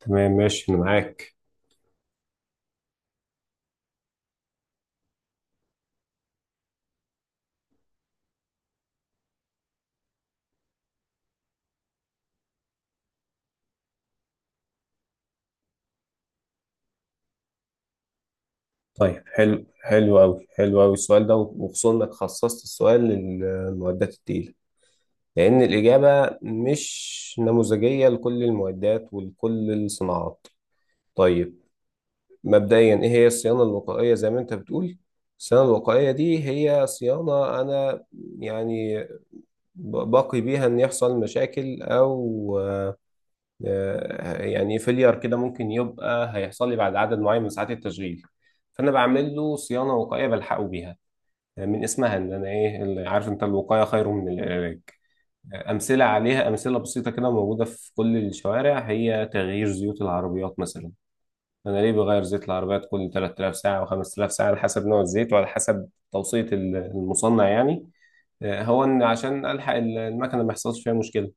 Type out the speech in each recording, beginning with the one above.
تمام ماشي انا معاك. طيب حلو قوي السؤال ده، وخصوصا انك خصصت السؤال للمعدات التقيله، لان الاجابه مش نموذجيه لكل المعدات ولكل الصناعات. طيب، مبدئيا ايه هي الصيانه الوقائيه؟ زي ما انت بتقول، الصيانه الوقائيه دي هي صيانه انا يعني باقي بيها ان يحصل مشاكل، او يعني فيلير كده ممكن يبقى هيحصل لي بعد عدد معين من ساعات التشغيل، فانا بعمل له صيانه وقايه بلحقه بيها. من اسمها، ان انا ايه اللي عارف انت، الوقايه خير من العلاج. امثله عليها، امثله بسيطه كده موجوده في كل الشوارع، هي تغيير زيوت العربيات مثلا. انا ليه بغير زيت العربيات كل 3000 ساعه و5000 ساعه؟ على حسب نوع الزيت وعلى حسب توصيه المصنع يعني. هو ان عشان الحق المكنه ما يحصلش فيها مشكله،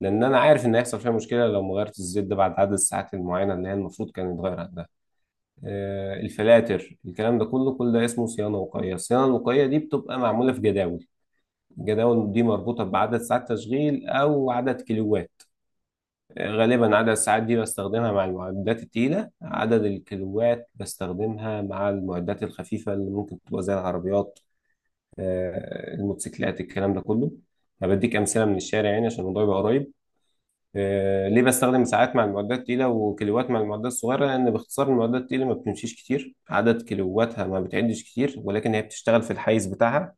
لان انا عارف ان هيحصل فيها مشكله لو ما غيرت الزيت ده بعد عدد الساعات المعينه اللي هي المفروض كان يتغير عندها. الفلاتر، الكلام ده كله، كل ده اسمه صيانه وقائيه. الصيانه الوقائيه دي بتبقى معموله في جداول، الجداول دي مربوطه بعدد ساعات تشغيل او عدد كيلوات. غالبا عدد الساعات دي بستخدمها مع المعدات التقيله، عدد الكيلوات بستخدمها مع المعدات الخفيفه اللي ممكن تبقى زي العربيات، الموتوسيكلات، الكلام ده كله. أنا بديك امثله من الشارع يعني عشان الموضوع يبقى قريب. ليه بستخدم ساعات مع المعدات التقيلة وكيلوات مع المعدات الصغيرة؟ لأن باختصار المعدات التقيلة ما بتمشيش كتير، عدد كيلواتها ما بتعدش كتير، ولكن هي بتشتغل في الحيز بتاعها،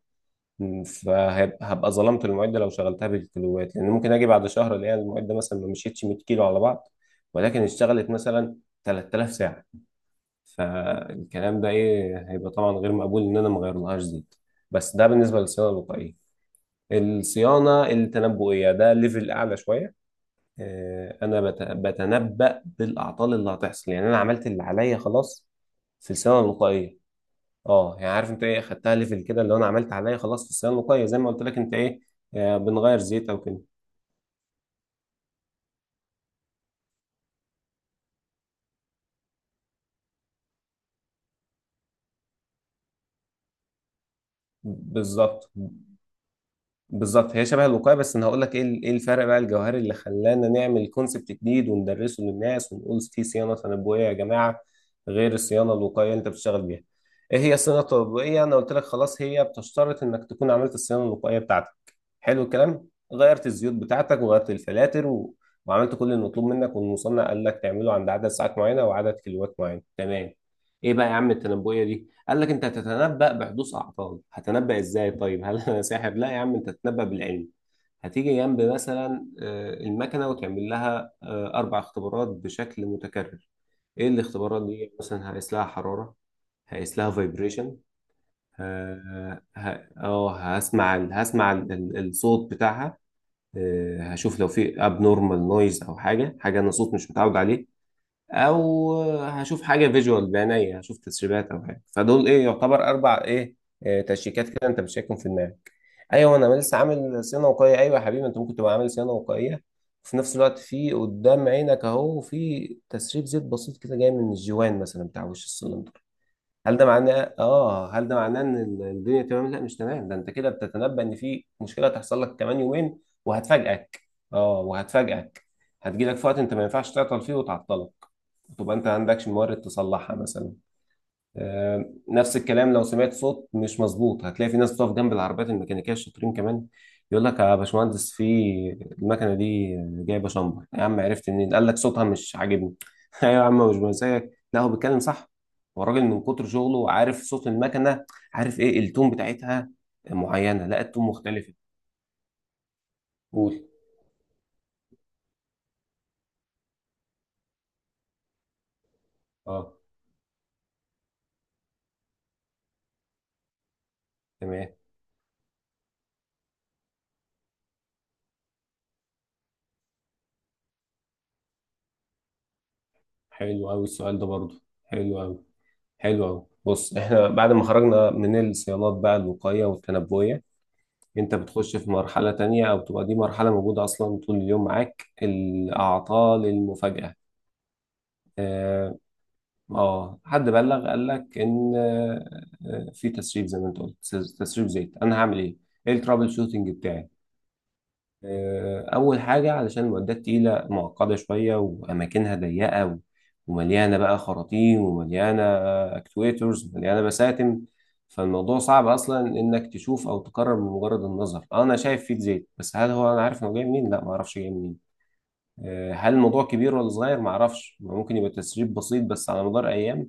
فهبقى ظلمت المعدة لو شغلتها بالكيلوات، لأن ممكن أجي بعد شهر ألاقي المعدة مثلا ما مشيتش 100 كيلو على بعض، ولكن اشتغلت مثلا 3000 ساعة، فالكلام ده إيه، هيبقى طبعا غير مقبول إن أنا ما أغيرلهاش زيت. بس ده بالنسبة للصيانة الوقائية. الصيانة التنبؤية ده ليفل أعلى شوية. آه، انا بت- بتنبأ بالاعطال اللي هتحصل، يعني انا عملت اللي عليا خلاص في الثانويه الوقائيه. اه يعني عارف انت ايه، خدتها ليفل كده، اللي هو انا عملت عليا خلاص في الثانويه الوقائيه زي ما قلت لك انت ايه، بنغير زيت او كده. بالظبط بالظبط هي شبه الوقايه، بس انا هقول لك ايه الفرق بقى الجوهري اللي خلانا نعمل كونسبت جديد وندرسه للناس ونقول في صيانه تنبؤيه يا جماعه غير الصيانه الوقائيه اللي انت بتشتغل بيها. ايه هي الصيانه التنبؤيه؟ انا قلت لك خلاص هي بتشترط انك تكون عملت الصيانه الوقائيه بتاعتك. حلو الكلام؟ غيرت الزيوت بتاعتك وغيرت الفلاتر، وعملت كل المطلوب منك، والمصنع قال لك تعمله عند عدد ساعات معينه وعدد كيلوات معين. تمام. ايه بقى يا عم التنبؤيه دي؟ قال لك انت هتتنبأ بحدوث اعطال. هتنبأ ازاي؟ طيب هل انا ساحر؟ لا يا عم، انت تتنبأ بالعلم. هتيجي جنب مثلا المكنه وتعمل لها اربع اختبارات بشكل متكرر. ايه الاختبارات دي؟ مثلا هقيس لها حراره، هقيس لها فايبريشن، هسمع الصوت بتاعها، هشوف لو في اب نورمال نويز او حاجه انا صوت مش متعود عليه، او هشوف حاجه فيجوال بعينيا، هشوف تسريبات او حاجه، فدول ايه، يعتبر اربع ايه، تشيكات كده انت بتشيكهم في دماغك. ايوه انا لسه عامل صيانه وقائيه. ايوه يا حبيبي، انت ممكن تبقى عامل صيانه وقائيه وفي نفس الوقت في قدام عينك اهو في تسريب زيت بسيط كده جاي من الجوان مثلا بتاع وش السلم. هل ده معناه اه، هل ده معناه ان الدنيا تمام؟ لا مش تمام، ده انت كده بتتنبأ ان في مشكله هتحصل لك كمان يومين وهتفاجئك. اه وهتفاجئك، هتجيلك في وقت انت ما ينفعش تعطل فيه وتعطلك، تبقى انت ما عندكش مورد تصلحها مثلا. نفس الكلام لو سمعت صوت مش مظبوط. هتلاقي في ناس بتقف جنب العربيات الميكانيكيه الشاطرين كمان، يقول لك يا باشمهندس في المكنه دي جايبه شمبر. يا عم عرفت منين؟ قال لك صوتها مش عاجبني. ايوه يا عم، مش مزاجك، لا هو بيتكلم صح. هو الراجل من كتر شغله عارف صوت المكنه، عارف ايه التون بتاعتها معينه، لا التون مختلفه. قول. اه. تمام، حلو قوي السؤال ده برضه، حلو قوي. حلو قوي، بص، احنا بعد ما خرجنا من الصيانات بقى، الوقايه والتنبؤيه، انت بتخش في مرحلة تانية، او بتبقى دي مرحلة موجودة اصلا طول اليوم معاك، الاعطال المفاجئة. اه، حد بلغ قال لك ان في تسريب زي ما انت قلت، تسريب زيت، انا هعمل ايه؟ ايه الترابل شوتنج بتاعي؟ أول حاجة، علشان المعدات تقيلة معقدة شوية وأماكنها ضيقة ومليانة بقى خراطيم، ومليانة أكتويترز، ومليانة بساتم، فالموضوع صعب أصلا إنك تشوف أو تقرر من مجرد النظر. أنا شايف فيه زيت، بس هل هو أنا عارف إنه جاي منين؟ لا معرفش جاي منين. هل الموضوع كبير ولا صغير؟ معرفش، ممكن يبقى تسريب بسيط بس على مدار أيام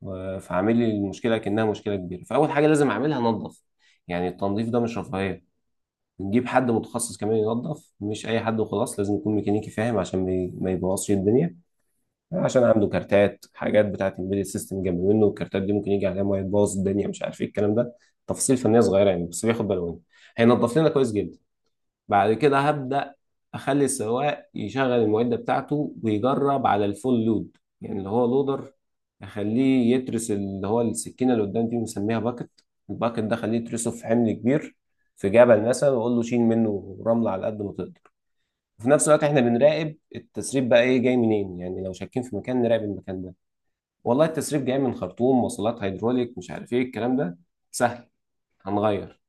فعامل لي المشكلة كأنها مشكلة كبيرة. فأول حاجة لازم أعملها أنظف. يعني التنظيف ده مش رفاهية، نجيب حد متخصص كمان ينظف، مش اي حد وخلاص، لازم يكون ميكانيكي فاهم عشان ما يبوظش الدنيا، عشان عنده كارتات، حاجات بتاعه الامبيدد سيستم جنب منه، والكارتات دي ممكن يجي عليها ميه تبوظ الدنيا، مش عارف ايه الكلام ده، تفاصيل فنيه صغيره يعني بس بياخد باله منها. هينظف لنا كويس جدا. بعد كده هبدأ، أخلي السواق يشغل المعدة بتاعته ويجرب على الفول لود، يعني اللي هو لودر، أخليه يترس، اللي هو السكينة اللي قدام دي بنسميها باكت، الباكت ده خليه يترسه في حمل كبير، في جبل مثلا، وأقول له شيل منه رملة على قد ما تقدر. وفي نفس الوقت احنا بنراقب التسريب بقى ايه جاي منين، يعني لو شاكين في مكان نراقب المكان ده. والله التسريب جاي من خرطوم وصلات هيدروليك، مش عارف ايه الكلام ده، سهل، هنغير،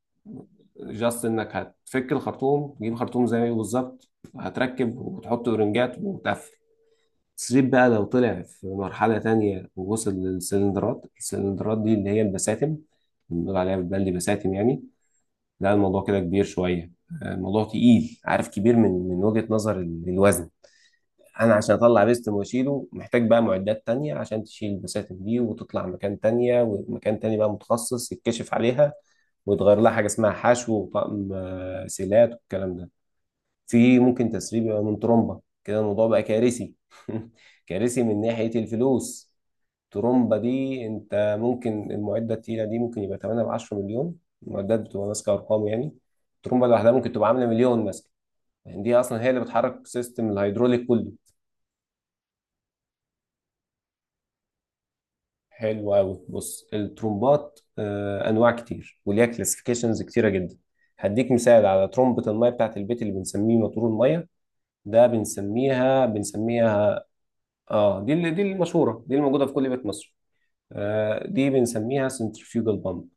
جاست انك هتفك الخرطوم تجيب خرطوم زيه بالظبط، هتركب وتحط اورنجات وتقفل. السرير بقى لو طلع في مرحلة تانية ووصل للسلندرات، السلندرات دي اللي هي البساتم، بنقول عليها بالبلدي بساتم يعني. لا الموضوع كده كبير شوية، الموضوع تقيل، عارف، كبير من وجهة نظر الوزن. انا عشان اطلع بيستم واشيله محتاج بقى معدات تانية عشان تشيل البساتين دي وتطلع مكان تانية، ومكان تاني بقى متخصص يتكشف عليها ويتغير لها حاجة اسمها حشو وطقم سيلات والكلام ده. في ممكن تسريب يبقى من ترومبة، كده الموضوع بقى كارثي. كارثي من ناحية الفلوس. ترومبة دي، انت ممكن المعدة التقيلة دي ممكن يبقى 8 ب 10 مليون، المعدات بتبقى ماسكة ارقام يعني. الترومبة لوحدها ممكن تبقى عاملة مليون مثلا، يعني دي اصلا هي اللي بتحرك سيستم الهيدروليك كله. حلو قوي، بص، الترومبات انواع كتير وليها كلاسيفيكيشنز كتيره جدا. هديك مثال على ترومبة المية بتاعت البيت، اللي بنسميه موتور المية، ده بنسميها اه دي اللي، دي المشهورة دي الموجودة في كل بيت مصري. دي بنسميها سنترفيوجال بامب،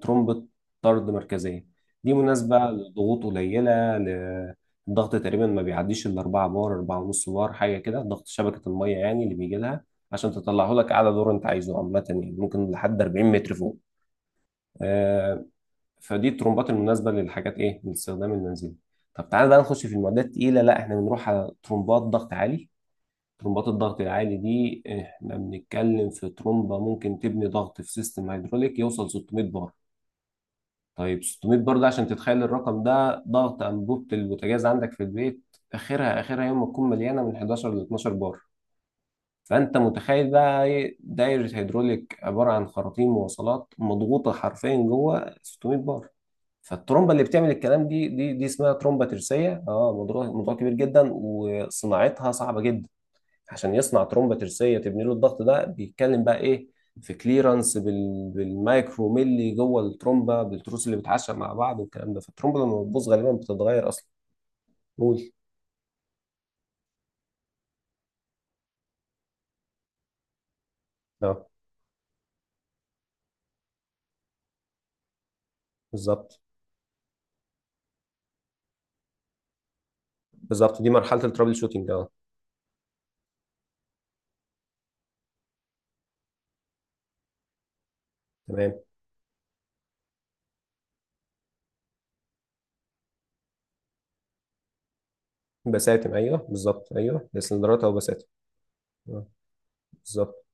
ترمبة طرد مركزية. دي مناسبة لضغوط قليلة، الضغط تقريبا ما بيعديش ال 4 بار، 4 ونص بار حاجة كده، ضغط شبكة المية يعني اللي بيجي لها عشان تطلعه لك أعلى دور أنت عايزه، عامة يعني ممكن لحد 40 متر فوق. آه، فدي الترمبات المناسبة للحاجات، إيه، للاستخدام المنزلي. طب تعالى بقى نخش في المعدات التقيلة، لا إحنا بنروح على ترمبات ضغط عالي. ترمبات الضغط العالي دي احنا بنتكلم في ترمبة ممكن تبني ضغط في سيستم هيدروليك يوصل 600 بار. طيب 600 بار ده عشان تتخيل الرقم ده، ضغط أنبوبة البوتاجاز عندك في البيت آخرها، آخرها يوم ما تكون مليانة من 11 ل 12 بار. فأنت متخيل بقى إيه، دايرة هيدروليك عبارة عن خراطيم مواصلات مضغوطة حرفيا جوه 600 بار. فالترومبه اللي بتعمل الكلام دي اسمها ترومبه ترسيه، اه، موضوع كبير جدا وصناعتها صعبه جدا. عشان يصنع ترومبه ترسيه تبني له الضغط ده، بيتكلم بقى ايه، في كليرنس بالمايكرو ملي جوه الترومبه، بالتروس اللي بتعشق مع بعض والكلام ده. فالترومبه لما بتبوظ غالبا بتتغير اصلا. قول. اه بالظبط. بالظبط، دي مرحله الترابل شوتنج اه. تمام. بساتم، ايوه بالظبط، ايوه السلندرات او بساتم. اه بالظبط.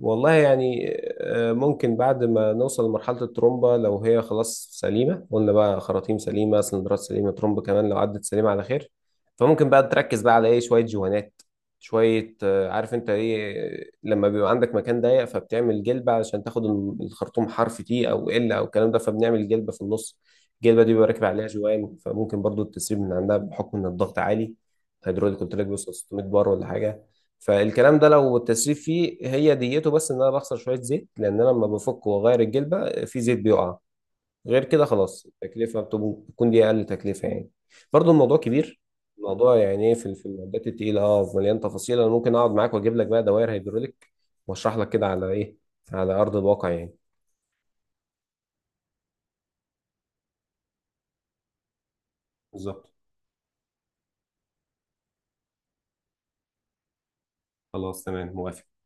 والله يعني ممكن بعد ما نوصل لمرحلة الترومبة، لو هي خلاص سليمة، قلنا بقى خراطيم سليمة، سلندرات سليمة، ترومبة كمان لو عدت سليمة على خير، فممكن بقى تركز بقى على ايه، شوية جوانات، شوية عارف انت ايه، لما بيبقى عندك مكان ضيق فبتعمل جلبة علشان تاخد الخرطوم حرف تي او ال او الكلام ده، فبنعمل جلبة في النص. الجلبة دي بيبقى راكب عليها جوان، فممكن برضو التسريب من عندها بحكم ان الضغط عالي، هيدروليك قلت لك بيوصل 600 بار ولا حاجة. فالكلام ده لو التسريب فيه هي ديته، بس ان انا بخسر شويه زيت لان انا لما بفك واغير الجلبه في زيت بيقع، غير كده خلاص التكلفه بتكون دي اقل تكلفه يعني. برضو الموضوع كبير، الموضوع يعني ايه في في المعدات التقيله، اه مليان تفاصيل. انا ممكن اقعد معاك واجيب لك بقى دوائر هيدروليك واشرح لك كده على ايه، على ارض الواقع يعني. بالظبط. خلاص تمام، موافق.